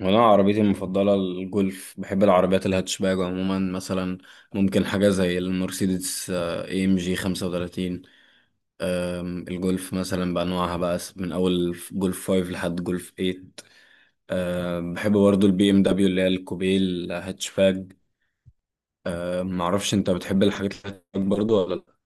وانا عربيتي المفضله الجولف، بحب العربيات الهاتشباج عموما. مثلا ممكن حاجه زي المرسيدس اي ام جي 35. الجولف مثلا بانواعها بقى من اول جولف 5 لحد جولف 8. بحب برضو البي ام دبليو اللي هي الكوبيه الهاتشباج. معرفش، انت بتحب الحاجات الهاتشباج برضو ولا؟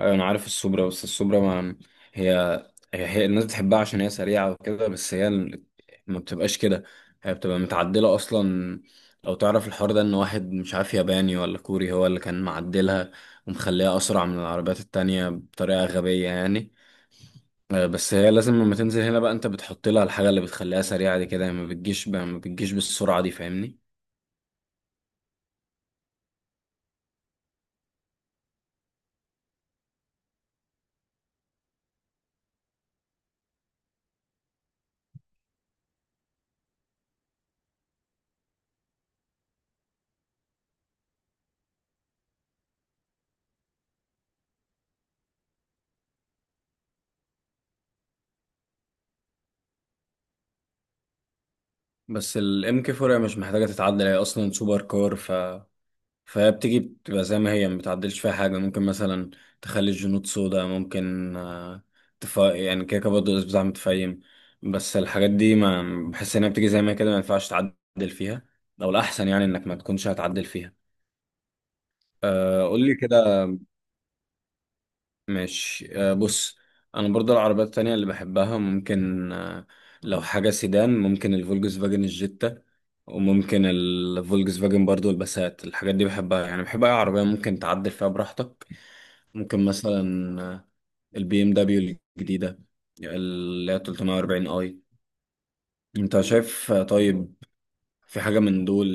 أيوة أنا عارف السوبرا. بس السوبرا ما هي هي الناس بتحبها عشان هي سريعة وكده. بس ما بتبقاش كده. هي بتبقى متعدلة أصلا. لو تعرف الحوار ده، إن واحد مش عارف ياباني ولا كوري هو اللي كان معدلها ومخليها أسرع من العربيات التانية بطريقة غبية يعني. بس هي لازم لما تنزل هنا بقى أنت بتحط لها الحاجة اللي بتخليها سريعة دي، كده ما بتجيش بالسرعة دي، فاهمني؟ بس الام كي 4 مش محتاجة تتعدل، هي أصلا سوبر كار. فبتيجي بتبقى زي ما هي، ما بتعدلش فيها حاجة. ممكن مثلا تخلي الجنود سودا، ممكن يعني كده كده برضه الأسبوع متفايم. بس الحاجات دي ما بحس إنها بتيجي زي ما هي كده، ما ينفعش تعدل فيها، أو الأحسن يعني إنك ما تكونش هتعدل فيها. أه، قول لي كده. ماشي، أه بص. أنا برضه العربيات التانية اللي بحبها، ممكن لو حاجة سيدان ممكن الفولكس فاجن الجيتا، وممكن الفولكس فاجن برضه الباسات. الحاجات دي بحبها، يعني بحب أي عربية ممكن تعدل فيها براحتك. ممكن مثلا البي ام دبليو الجديدة، اللي هي 340 اي. انت شايف طيب، في حاجة من دول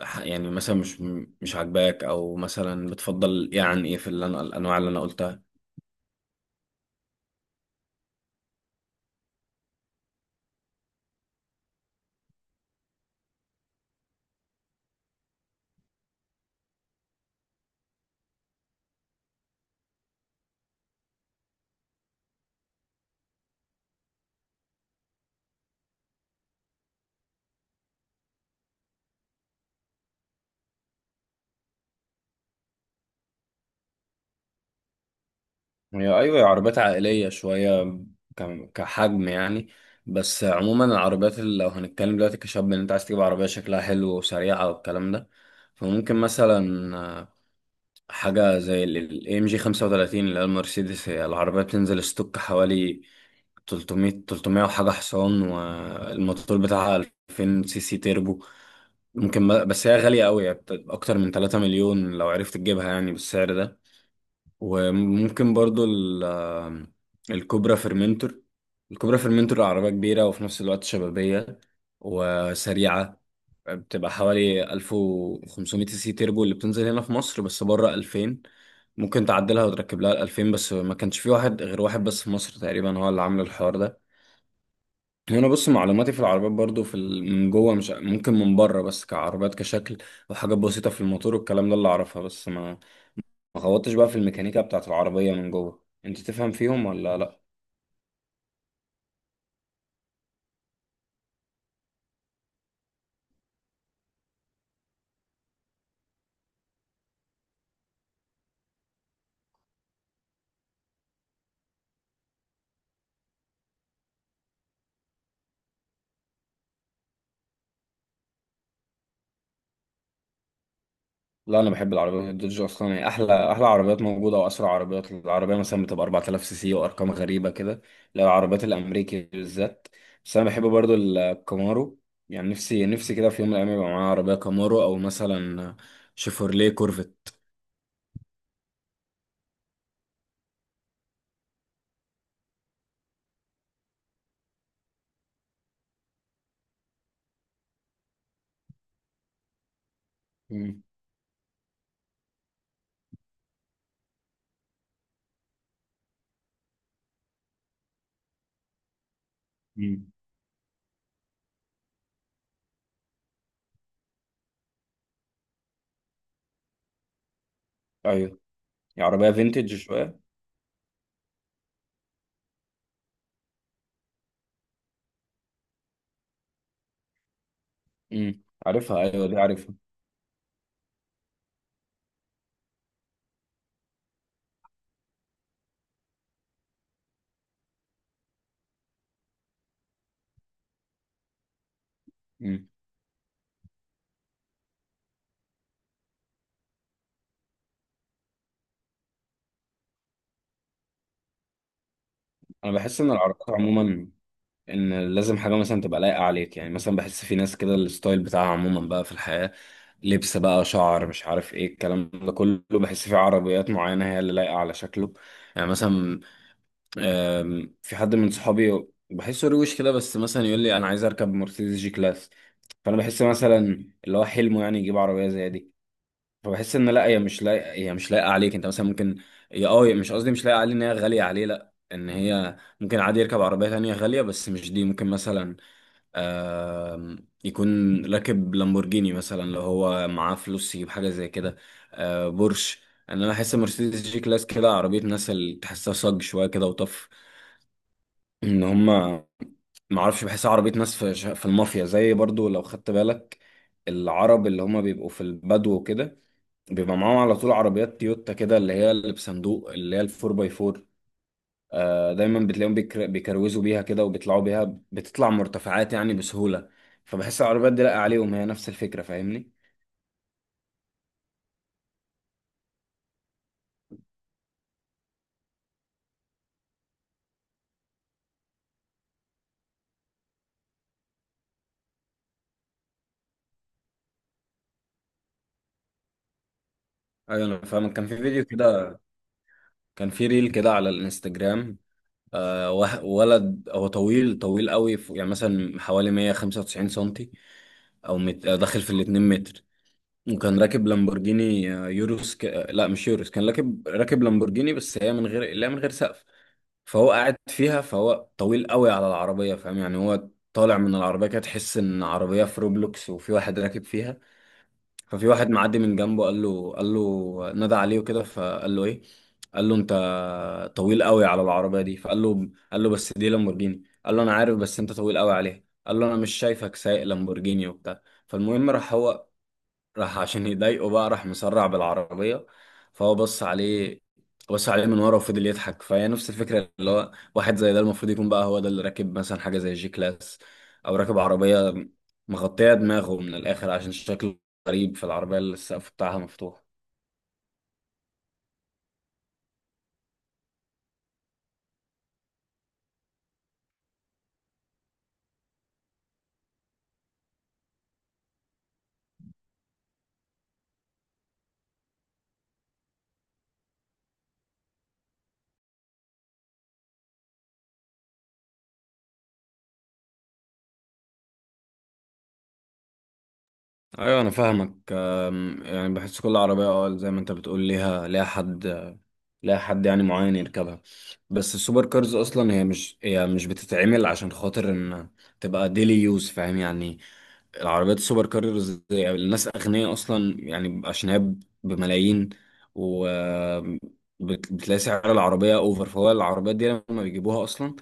يعني مثلا مش عاجباك؟ او مثلا بتفضل ايه عن ايه في اللي الانواع اللي انا قلتها؟ هي ايوه، هي عربيات عائلية شوية كحجم يعني. بس عموما العربيات اللي لو هنتكلم دلوقتي كشاب ان انت عايز تجيب عربية شكلها حلو وسريعة والكلام ده، فممكن مثلا حاجة زي ال ام جي 35 اللي هي المرسيدس. هي العربية بتنزل ستوك حوالي 300، 300 وحاجة حصان، والموتور بتاعها 2000 سي سي تيربو. ممكن بس هي غالية قوي، يعني أكتر من 3 مليون لو عرفت تجيبها يعني بالسعر ده. وممكن برضو الكوبرا فيرمنتور الكوبرا فيرمنتور عربية كبيرة وفي نفس الوقت شبابية وسريعة. بتبقى حوالي 1500 سي سي تيربو اللي بتنزل هنا في مصر، بس بره 2000. ممكن تعدلها وتركب لها ال 2000، بس ما كانش في واحد، غير واحد بس في مصر تقريبا هو اللي عامل الحوار ده. هنا بص، معلوماتي في العربيات برضو في من جوه مش ممكن، من بره بس كعربيات كشكل وحاجات بسيطة في الموتور والكلام ده اللي اعرفها، بس ما خبطتش بقى في الميكانيكا بتاعت العربية من جوه. انت تفهم فيهم ولا لا؟ لا، انا بحب العربية الدوج، اصلا هي احلى احلى عربيات موجودة واسرع عربيات. العربية مثلا بتبقى 4000 سي سي وارقام غريبة كده. لا، العربيات الامريكي بالذات. بس انا بحب برضو الكامارو، يعني نفسي نفسي كده في يوم من الايام يبقى معايا عربية كامارو، او مثلا شيفورليه كورفت. مم. مم. ايوه، هي عربية فينتج شوية. مم. عارفها، ايوه دي عارفها. مم. انا بحس ان العربيات عموما، ان لازم حاجه مثلا تبقى لايقه عليك، يعني مثلا بحس في ناس كده الستايل بتاعها عموما بقى في الحياه، لبس بقى، شعر، مش عارف ايه الكلام ده كله، بحس في عربيات معينه هي اللي لايقه على شكله. يعني مثلا في حد من صحابي بحسه روش كده، بس مثلا يقول لي انا عايز اركب مرسيدس جي كلاس. فانا بحس مثلا اللي هو حلمه يعني يجيب عربيه زي دي. فبحس ان، لا هي مش لايقه عليك. انت مثلا ممكن، يا اه مش قصدي مش لايقه عليه ان هي غاليه عليه، لا، ان هي ممكن عادي يركب عربيه تانية غاليه بس مش دي. ممكن مثلا يكون راكب لامبورجيني مثلا لو هو معاه فلوس يجيب حاجة زي كده. بورش. انا بحس مرسيدس جي كلاس كده عربية ناس اللي تحسها صج شوية كده وطف، ان هما معرفش، بحسها عربية ناس في في المافيا زي، برضو لو خدت بالك. العرب اللي هما بيبقوا في البدو وكده، بيبقى معاهم على طول عربيات تويوتا كده، اللي هي اللي بصندوق، اللي هي الفور باي فور. دايما بتلاقيهم بيكروزوا بيها كده، وبيطلعوا بيها، بتطلع مرتفعات يعني بسهولة. فبحس العربيات دي لاقى عليهم، هي نفس الفكرة، فاهمني؟ ايوه انا فاهمك. كان في فيديو كده، كان في ريل كده على الانستجرام. ولد هو طويل طويل قوي يعني مثلا حوالي 195 سنتي، او مت... آه، داخل في ال 2 متر. وكان راكب لامبورجيني، يوروس ك... آه، لا مش يوروس، كان راكب لامبورجيني، بس هي من غير، لا، من غير سقف. فهو قاعد فيها، فهو طويل قوي على العربية، فاهم يعني، هو طالع من العربية كده تحس ان عربية في روبلوكس وفي واحد راكب فيها. ففي واحد معدي من جنبه، قال له نادى عليه وكده. فقال له ايه؟ قال له انت طويل قوي على العربية دي. فقال له قال له بس دي لامبورجيني. قال له انا عارف بس انت طويل قوي عليها. قال له انا مش شايفك سايق لامبورجيني وبتاع. فالمهم، راح عشان يضايقه بقى، راح مسرع بالعربية. فهو بص عليه، بص عليه من ورا وفضل يضحك. فهي نفس الفكرة، اللي هو واحد زي ده المفروض يكون بقى هو ده اللي راكب مثلا حاجة زي جي كلاس. أو راكب عربية مغطية دماغه من الآخر، عشان شكله غريب في العربية اللي السقف بتاعها مفتوح. ايوه انا فاهمك، يعني بحس كل عربيه، زي ما انت بتقول، ليها، ليها حد يعني معين يركبها. بس السوبر كارز اصلا هي مش بتتعمل عشان خاطر ان تبقى ديلي يوز، فاهم يعني؟ العربيات السوبر كارز الناس أغنياء أصلا يعني، عشان هي بملايين، و بتلاقي سعر العربية أوفر. فهو العربيات دي لما بيجيبوها أصلا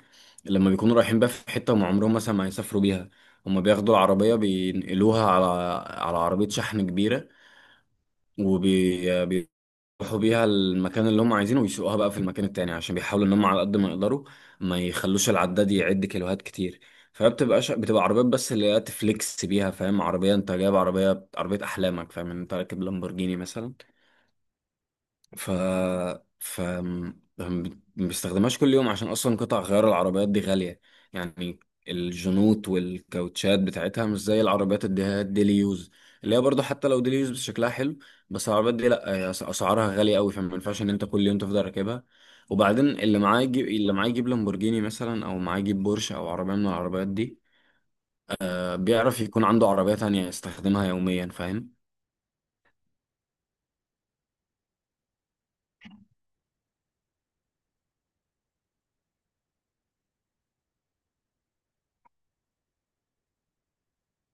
لما بيكونوا رايحين بقى في حتة، هم عمرهم مثلا ما هيسافروا بيها، هم بياخدوا العربية بينقلوها على عربية شحن كبيرة. يروحوا بيها المكان اللي هم عايزينه، ويسوقوها بقى في المكان التاني، عشان بيحاولوا ان هم على قد ما يقدروا ما يخلوش العداد يعد كيلوهات كتير. بتبقى عربيات بس اللي هي تفليكس بيها، فاهم؟ عربية انت جايب، عربية احلامك، فاهم؟ انت راكب لامبورجيني مثلا. ف ف ما بيستخدمهاش كل يوم، عشان اصلا قطع غيار العربيات دي غالية. يعني الجنوط والكاوتشات بتاعتها مش زي العربيات اللي هي الديلي يوز، اللي هي برضه حتى لو ديلي يوز بس شكلها حلو. بس العربيات دي، لا هي اسعارها غالية قوي، فما ينفعش ان انت كل يوم تفضل راكبها. وبعدين اللي معاه يجيب لامبورجيني مثلا، او معاه يجيب بورش، او عربية من العربيات دي. بيعرف يكون عنده عربية تانية يستخدمها يوميا، فاهم؟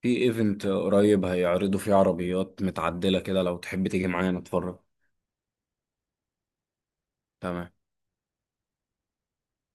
في ايفنت قريب هيعرضوا فيه عربيات متعدلة كده، لو تحب تيجي معايا نتفرج. تمام.